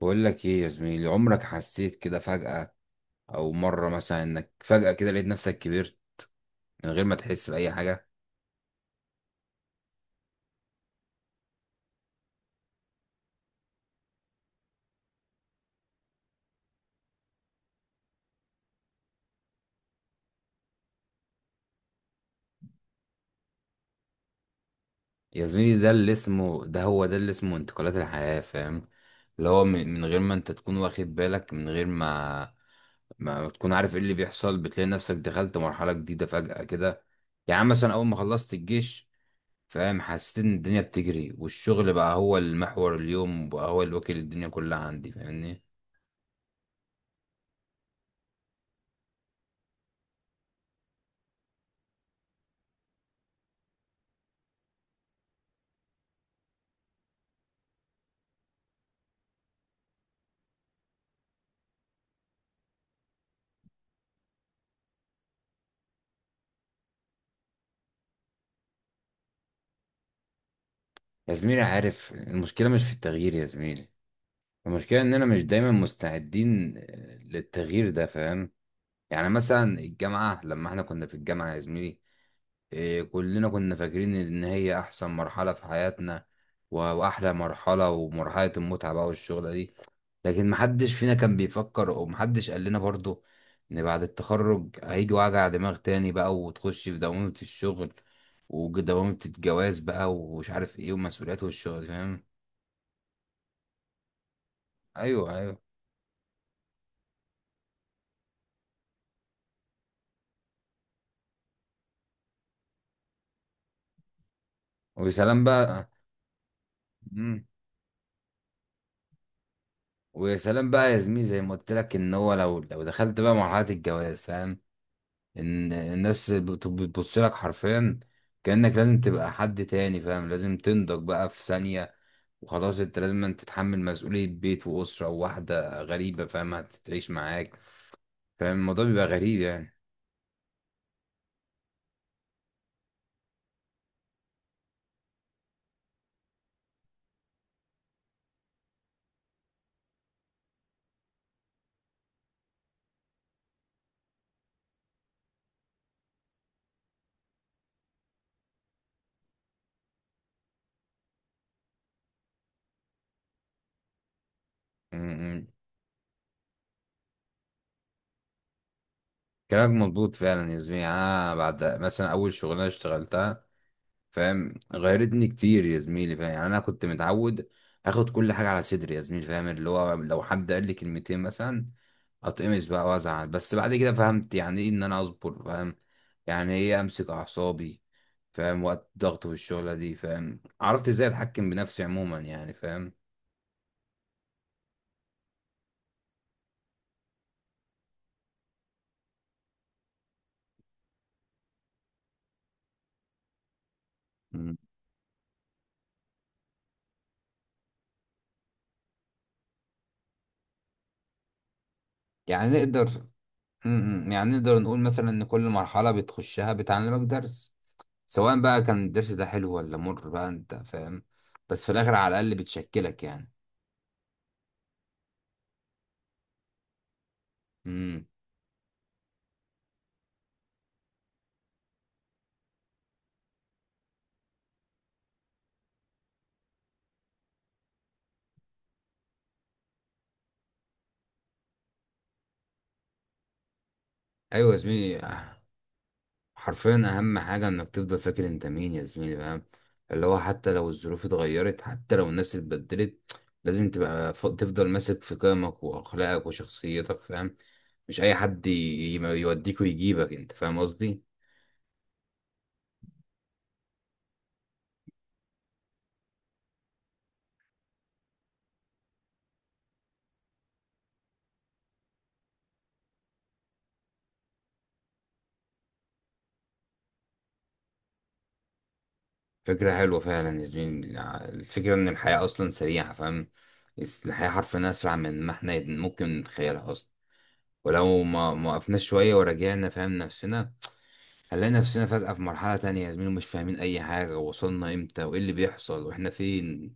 بقول لك ايه يا زميلي؟ عمرك حسيت كده فجأة، او مرة مثلا انك فجأة كده لقيت نفسك كبرت من غير ما تحس بأي حاجة؟ يا زميلي، ده هو ده اللي اسمه انتقالات الحياة، فاهم؟ اللي هو من غير ما انت تكون واخد بالك، من غير ما تكون عارف ايه اللي بيحصل، بتلاقي نفسك دخلت مرحلة جديدة فجأة كده. يعني مثلا اول ما خلصت الجيش، فاهم، حسيت ان الدنيا بتجري، والشغل بقى هو المحور اليوم وبقى هو اللي واكل الدنيا كلها عندي، فاهمني؟ يا زميلي، عارف المشكلة مش في التغيير يا زميلي؟ المشكلة إننا مش دايما مستعدين للتغيير ده، فاهم. يعني مثلا الجامعة، لما احنا كنا في الجامعة يا زميلي، كلنا كنا فاكرين إن هي أحسن مرحلة في حياتنا، وأحلى مرحلة ومرحلة المتعة بقى والشغلة دي. لكن محدش فينا كان بيفكر ومحدش قال لنا برضه إن بعد التخرج هيجي وجع دماغ تاني بقى، وتخش في دوامة الشغل ودوامة الجواز بقى، ومش عارف ايه، ومسؤوليات والشغل، فاهم. ايوه، ايوه. ويا سلام بقى. امم ويا سلام بقى يا زميلي، زي ما قلت لك ان هو لو دخلت بقى مرحله الجواز، فاهم، ان الناس بتبص لك حرفيا كانك لازم تبقى حد تاني، فاهم، لازم تنضج بقى في ثانيه، وخلاص انت لازم أن تتحمل مسؤوليه بيت واسره وواحده غريبه، فاهم، هتعيش معاك. فاهم الموضوع بيبقى غريب يعني. امم كلامك مظبوط فعلا يا زميلي، انا بعد مثلا اول شغلانه اشتغلتها، فاهم، غيرتني كتير يا زميلي، فاهم يعني، انا كنت متعود اخد كل حاجه على صدري يا زميلي، فاهم، اللي هو لو حد قال لي كلمتين مثلا اتقمص بقى وازعل. بس بعد كده فهمت يعني ايه ان انا اصبر، فاهم، يعني ايه امسك اعصابي، فاهم وقت ضغط، والشغله دي فاهم عرفت ازاي اتحكم بنفسي عموما يعني، فاهم. مم. يعني نقدر مم. يعني نقدر نقول مثلا ان كل مرحلة بتخشها بتعلمك درس، سواء بقى كان الدرس ده حلو ولا مر بقى، انت فاهم، بس في الاخر على الاقل بتشكلك يعني. امم ايوه يا زميلي. حرفيا اهم حاجه انك تفضل فاكر انت مين يا زميلي، فاهم، اللي هو حتى لو الظروف اتغيرت، حتى لو الناس اتبدلت، لازم تبقى تفضل ماسك في قيمك واخلاقك وشخصيتك، فاهم. مش اي حد يوديك ويجيبك انت، فاهم قصدي. فكره حلوه فعلا يا زميلي. الفكره ان الحياه اصلا سريعه، فاهم، الحياه حرفيا اسرع من ما احنا ممكن نتخيلها اصلا، ولو ما وقفنا شوية ورجعنا فاهم نفسنا، هنلاقي نفسنا فجأة في مرحلة تانية يا زميلي، مش فاهمين أي حاجة، وصلنا إمتى وإيه اللي بيحصل وإحنا فين.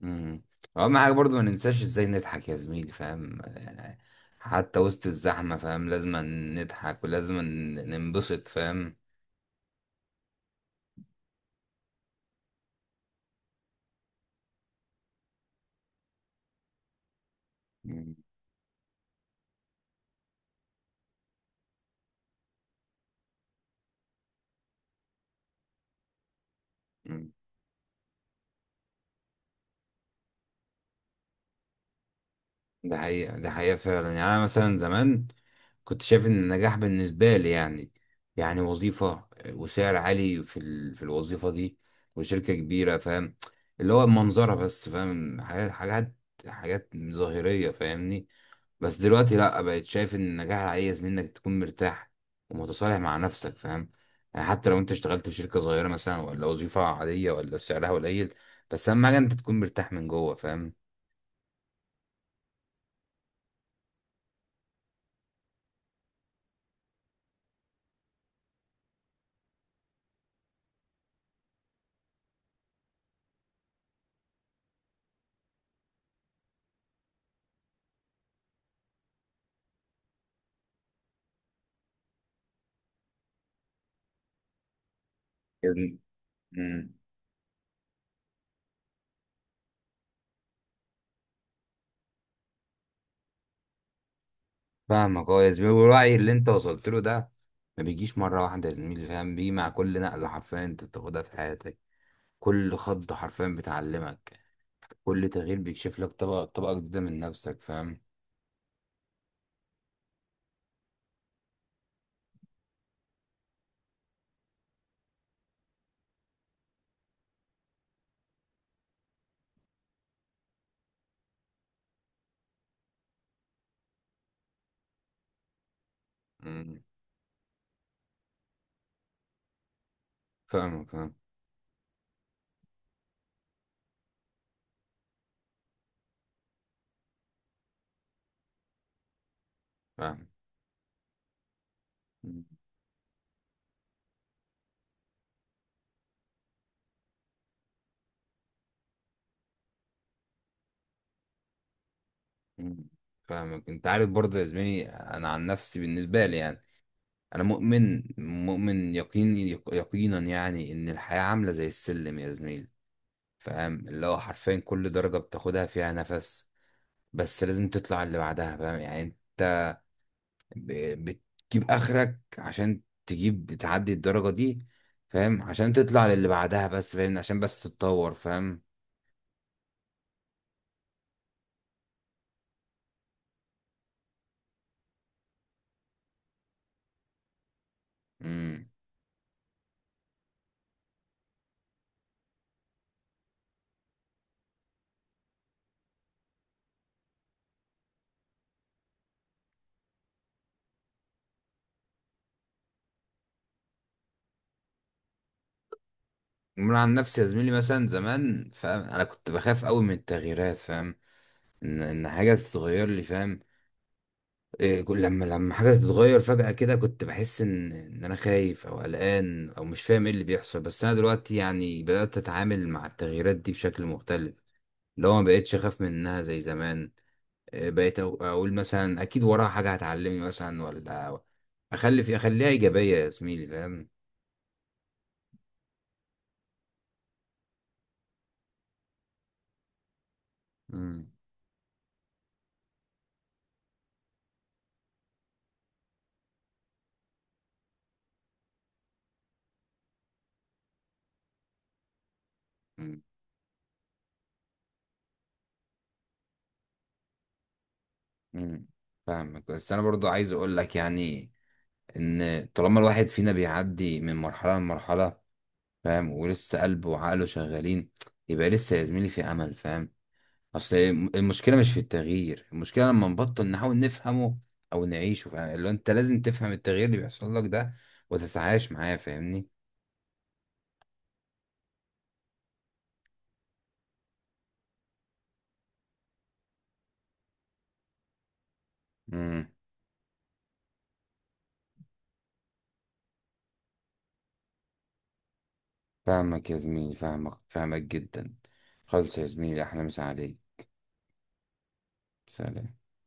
مم. وأهم حاجة برضو ما ننساش إزاي نضحك يا زميلي، فاهم يعني، حتى وسط الزحمة، فاهم، لازم نضحك ولازم ننبسط، فاهم. مم. ده حقيقة، ده حقيقة فعلا يعني. أنا مثلا زمان كنت شايف إن النجاح بالنسبة لي يعني وظيفة وسعر عالي في الوظيفة دي وشركة كبيرة، فاهم، اللي هو منظرة بس، فاهم، حاجات ظاهرية، فاهمني. بس دلوقتي لأ، بقيت شايف إن النجاح العايز منك تكون مرتاح ومتصالح مع نفسك، فاهم، يعني حتى لو أنت اشتغلت في شركة صغيرة مثلا، ولا وظيفة عادية، ولا سعرها قليل، بس أهم حاجة أنت تكون مرتاح من جوه، فاهم. مم. فاهمك اه يا زميلي، والوعي اللي انت وصلت له ده ما بيجيش مره واحده يا زميلي، فاهم، بيجي مع كل نقله حرفيا انت بتاخدها في حياتك. كل خط حرفيا بتعلمك، كل تغيير بيكشف لك طبقه طبقه جديده من نفسك، فاهم. مم. فاهمك، فاهم فاهم. مم. مم. فاهمك، انت عارف برضه يا زميلي، انا عن نفسي بالنسبه لي يعني، انا مؤمن مؤمن يقيني يقينا يعني ان الحياه عامله زي السلم يا زميلي، فاهم، اللي هو حرفيا كل درجه بتاخدها فيها نفس، بس لازم تطلع اللي بعدها، فاهم يعني، انت بتجيب اخرك عشان تجيب تعدي الدرجة دي، فاهم عشان تطلع للي بعدها، بس فاهم عشان بس تتطور، فاهم. امم من عن نفسي يا زميلي، مثلا زمان، فاهم، انا كنت بخاف قوي من التغييرات، فاهم، ان حاجة تتغير لي، فاهم إيه، لما حاجة تتغير فجأة كده كنت بحس ان انا خايف او قلقان او مش فاهم ايه اللي بيحصل. بس انا دلوقتي يعني بدأت اتعامل مع التغييرات دي بشكل مختلف، اللي هو ما بقتش اخاف منها زي زمان. بقيت اقول مثلا اكيد وراها حاجه هتعلمني مثلا، ولا اخليها ايجابيه يا زميلي، فاهم. امم مم. امم فاهمك، بس انا برضو عايز اقول لك يعني، ان طالما الواحد فينا بيعدي من مرحله لمرحله، فاهم، ولسه قلبه وعقله شغالين، يبقى لسه يا زميلي في امل، فاهم. اصل المشكله مش في التغيير، المشكله لما نبطل نحاول نفهمه او نعيشه، فاهم، اللي هو انت لازم تفهم التغيير اللي بيحصل لك ده وتتعايش معاه، فاهمني. امم فاهمك يا زميلي، فاهمك فاهمك جدا. خلص يا زميلي، احلى مسا عليك. سلام.